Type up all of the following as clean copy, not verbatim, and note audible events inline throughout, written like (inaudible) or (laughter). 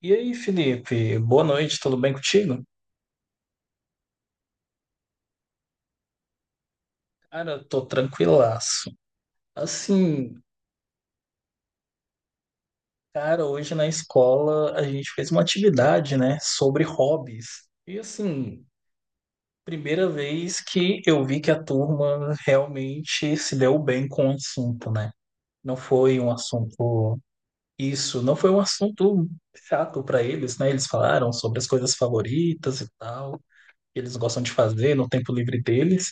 E aí, Felipe, boa noite, tudo bem contigo? Cara, eu tô tranquilaço. Assim, cara, hoje na escola a gente fez uma atividade, né, sobre hobbies. E assim, primeira vez que eu vi que a turma realmente se deu bem com o assunto, né? Não foi um assunto isso, não foi um assunto chato para eles, né? Eles falaram sobre as coisas favoritas e tal, que eles gostam de fazer no tempo livre deles.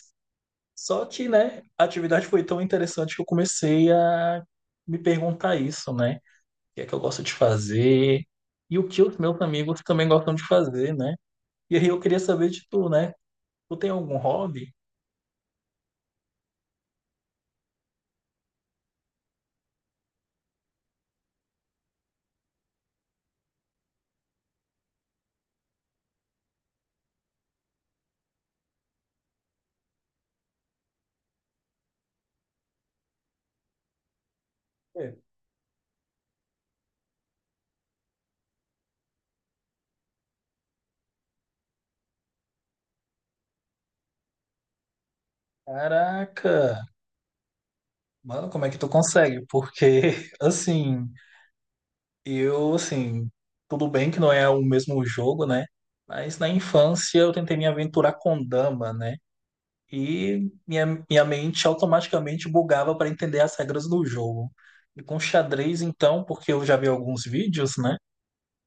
Só que, né, a atividade foi tão interessante que eu comecei a me perguntar isso, né? O que é que eu gosto de fazer e o que os meus amigos também gostam de fazer, né? E aí eu queria saber de tu, né? Tu tem algum hobby? É. Caraca, mano, como é que tu consegue? Porque, (laughs) assim, eu, assim, tudo bem que não é o mesmo jogo, né? Mas na infância eu tentei me aventurar com dama, né? E minha mente automaticamente bugava para entender as regras do jogo. E com xadrez, então, porque eu já vi alguns vídeos, né?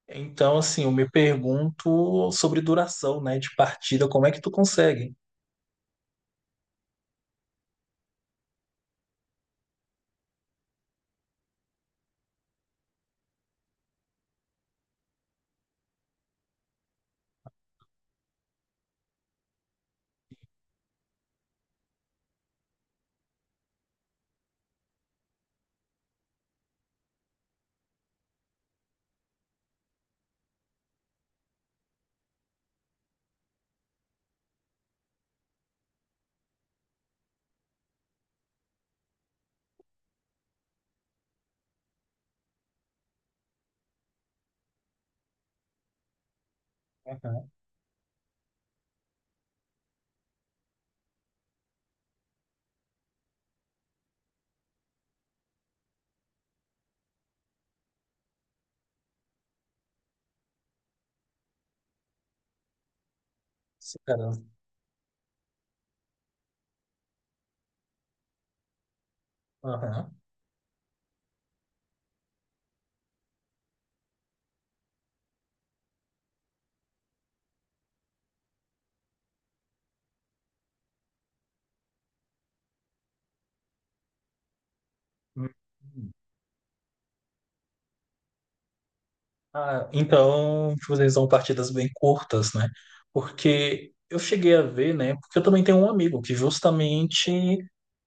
Então, assim, eu me pergunto sobre duração, né, de partida, como é que tu consegue? Aham, sim, cara. Aham. Hum, hum. Ah, então vocês são partidas bem curtas, né? Porque eu cheguei a ver, né? Porque eu também tenho um amigo que justamente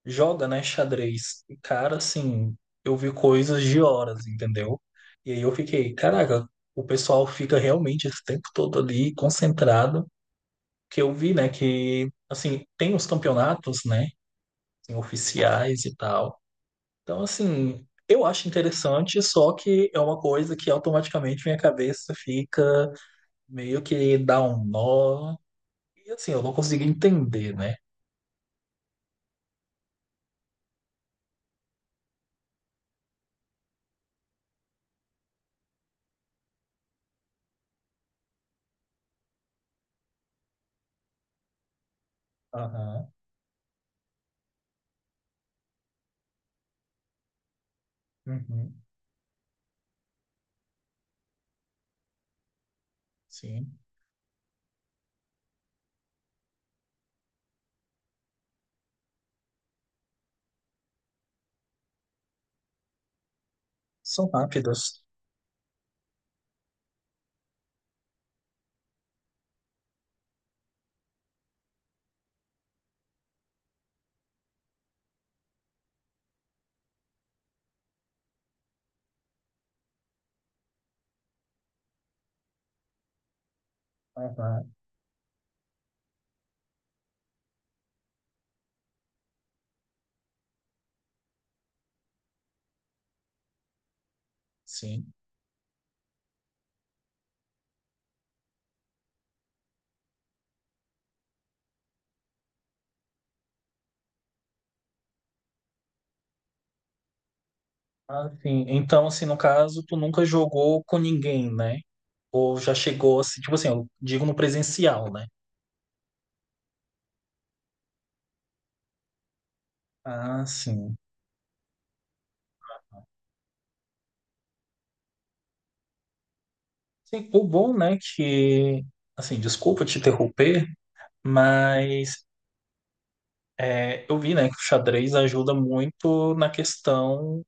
joga, né, xadrez. E, cara, assim, eu vi coisas de horas, entendeu? E aí eu fiquei, caraca, o pessoal fica realmente esse tempo todo ali concentrado. Que eu vi, né, que, assim, tem os campeonatos, né, assim, oficiais e tal. Então, assim, eu acho interessante, só que é uma coisa que automaticamente minha cabeça fica meio que dá um nó. E assim, eu não consegui entender, né? Aham, uhum, sim. São rápidas. Aham, sim. Assim, então, assim, no caso, tu nunca jogou com ninguém, né? Ou já chegou, assim, tipo assim, eu digo no presencial, né? Ah, sim. Sim, o bom, né, que, assim, desculpa te interromper, mas é, eu vi, né, que o xadrez ajuda muito na questão,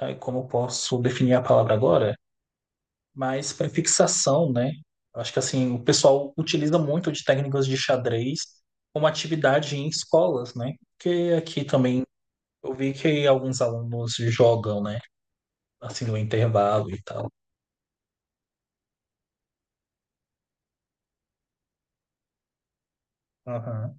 aí, como eu posso definir a palavra agora? Mas para fixação, né? Eu acho que assim, o pessoal utiliza muito de técnicas de xadrez como atividade em escolas, né? Porque aqui também eu vi que alguns alunos jogam, né? Assim, no intervalo e tal. Aham.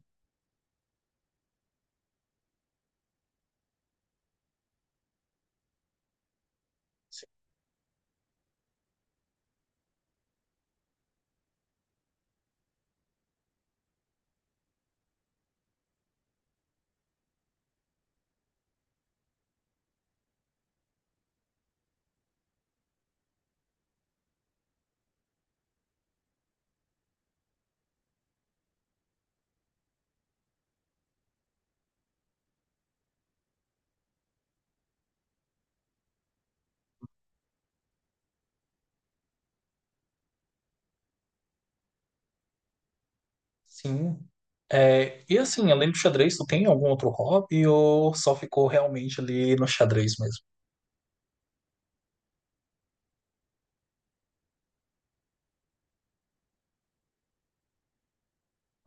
Sim. É, e assim, além do xadrez, tu tem algum outro hobby ou só ficou realmente ali no xadrez mesmo?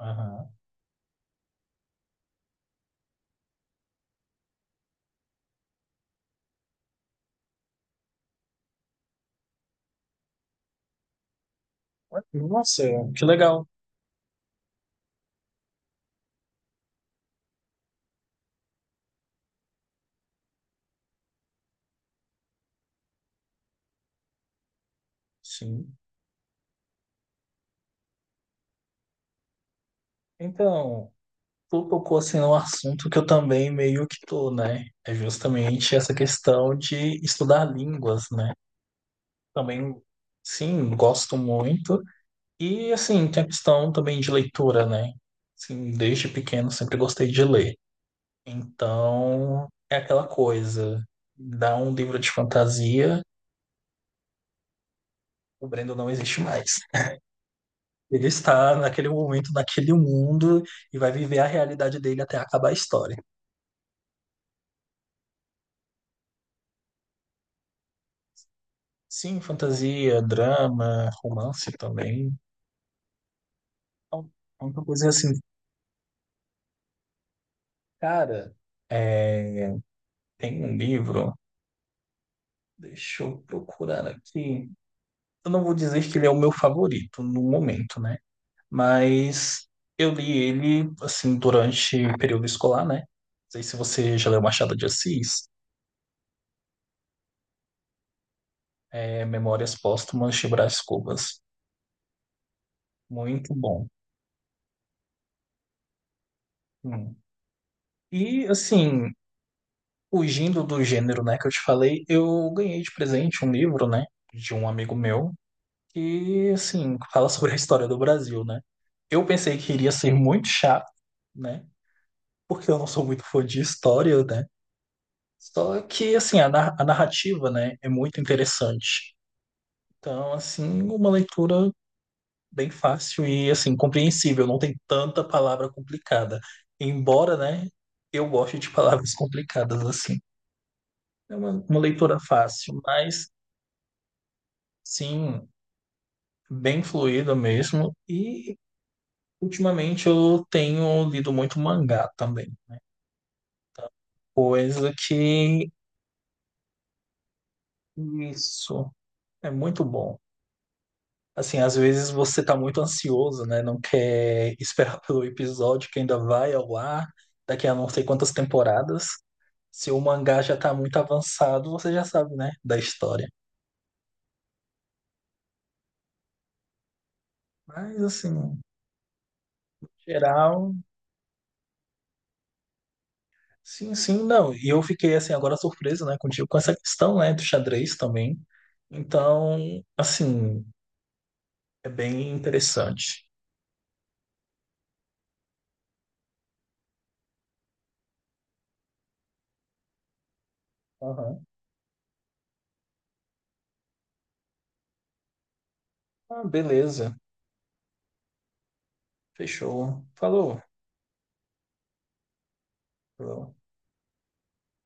Aham. Nossa, que legal. Sim. Então, tu tocou assim num assunto que eu também meio que tô, né? É justamente essa questão de estudar línguas, né? Também, sim, gosto muito. E assim, tem a questão também de leitura, né? Assim, desde pequeno sempre gostei de ler. Então, é aquela coisa, dá um livro de fantasia, o Brendo não existe mais. Ele está naquele momento, naquele mundo, e vai viver a realidade dele até acabar a história. Sim, fantasia, drama, romance também. Então, é uma coisa assim, cara, é, tem um livro, deixa eu procurar aqui. Eu não vou dizer que ele é o meu favorito no momento, né? Mas eu li ele, assim, durante o período escolar, né? Não sei se você já leu Machado de Assis, é Memórias Póstumas de Brás Cubas. Muito bom. Hum. E, assim, fugindo do gênero, né, que eu te falei, eu ganhei de presente um livro, né, de um amigo meu, que, assim, fala sobre a história do Brasil, né. Eu pensei que iria ser muito chato, né, porque eu não sou muito fã de história, né. Só que, assim, a, a narrativa, né, é muito interessante. Então, assim, uma leitura bem fácil e, assim, compreensível, não tem tanta palavra complicada. Embora, né, eu goste de palavras complicadas, assim. É uma leitura fácil, mas sim, bem fluido mesmo. E ultimamente eu tenho lido muito mangá também, coisa que isso é muito bom. Assim, às vezes você tá muito ansioso, né? Não quer esperar (laughs) pelo episódio que ainda vai ao ar daqui a não sei quantas temporadas. Se o mangá já tá muito avançado, você já sabe, né? Da história. Mas, assim, geral. Sim, sim, não. E eu fiquei assim agora surpreso, né, contigo com essa questão, né, do xadrez também. Então, assim, é bem interessante. Aham. Ah, beleza. Fechou. Falou. Falou.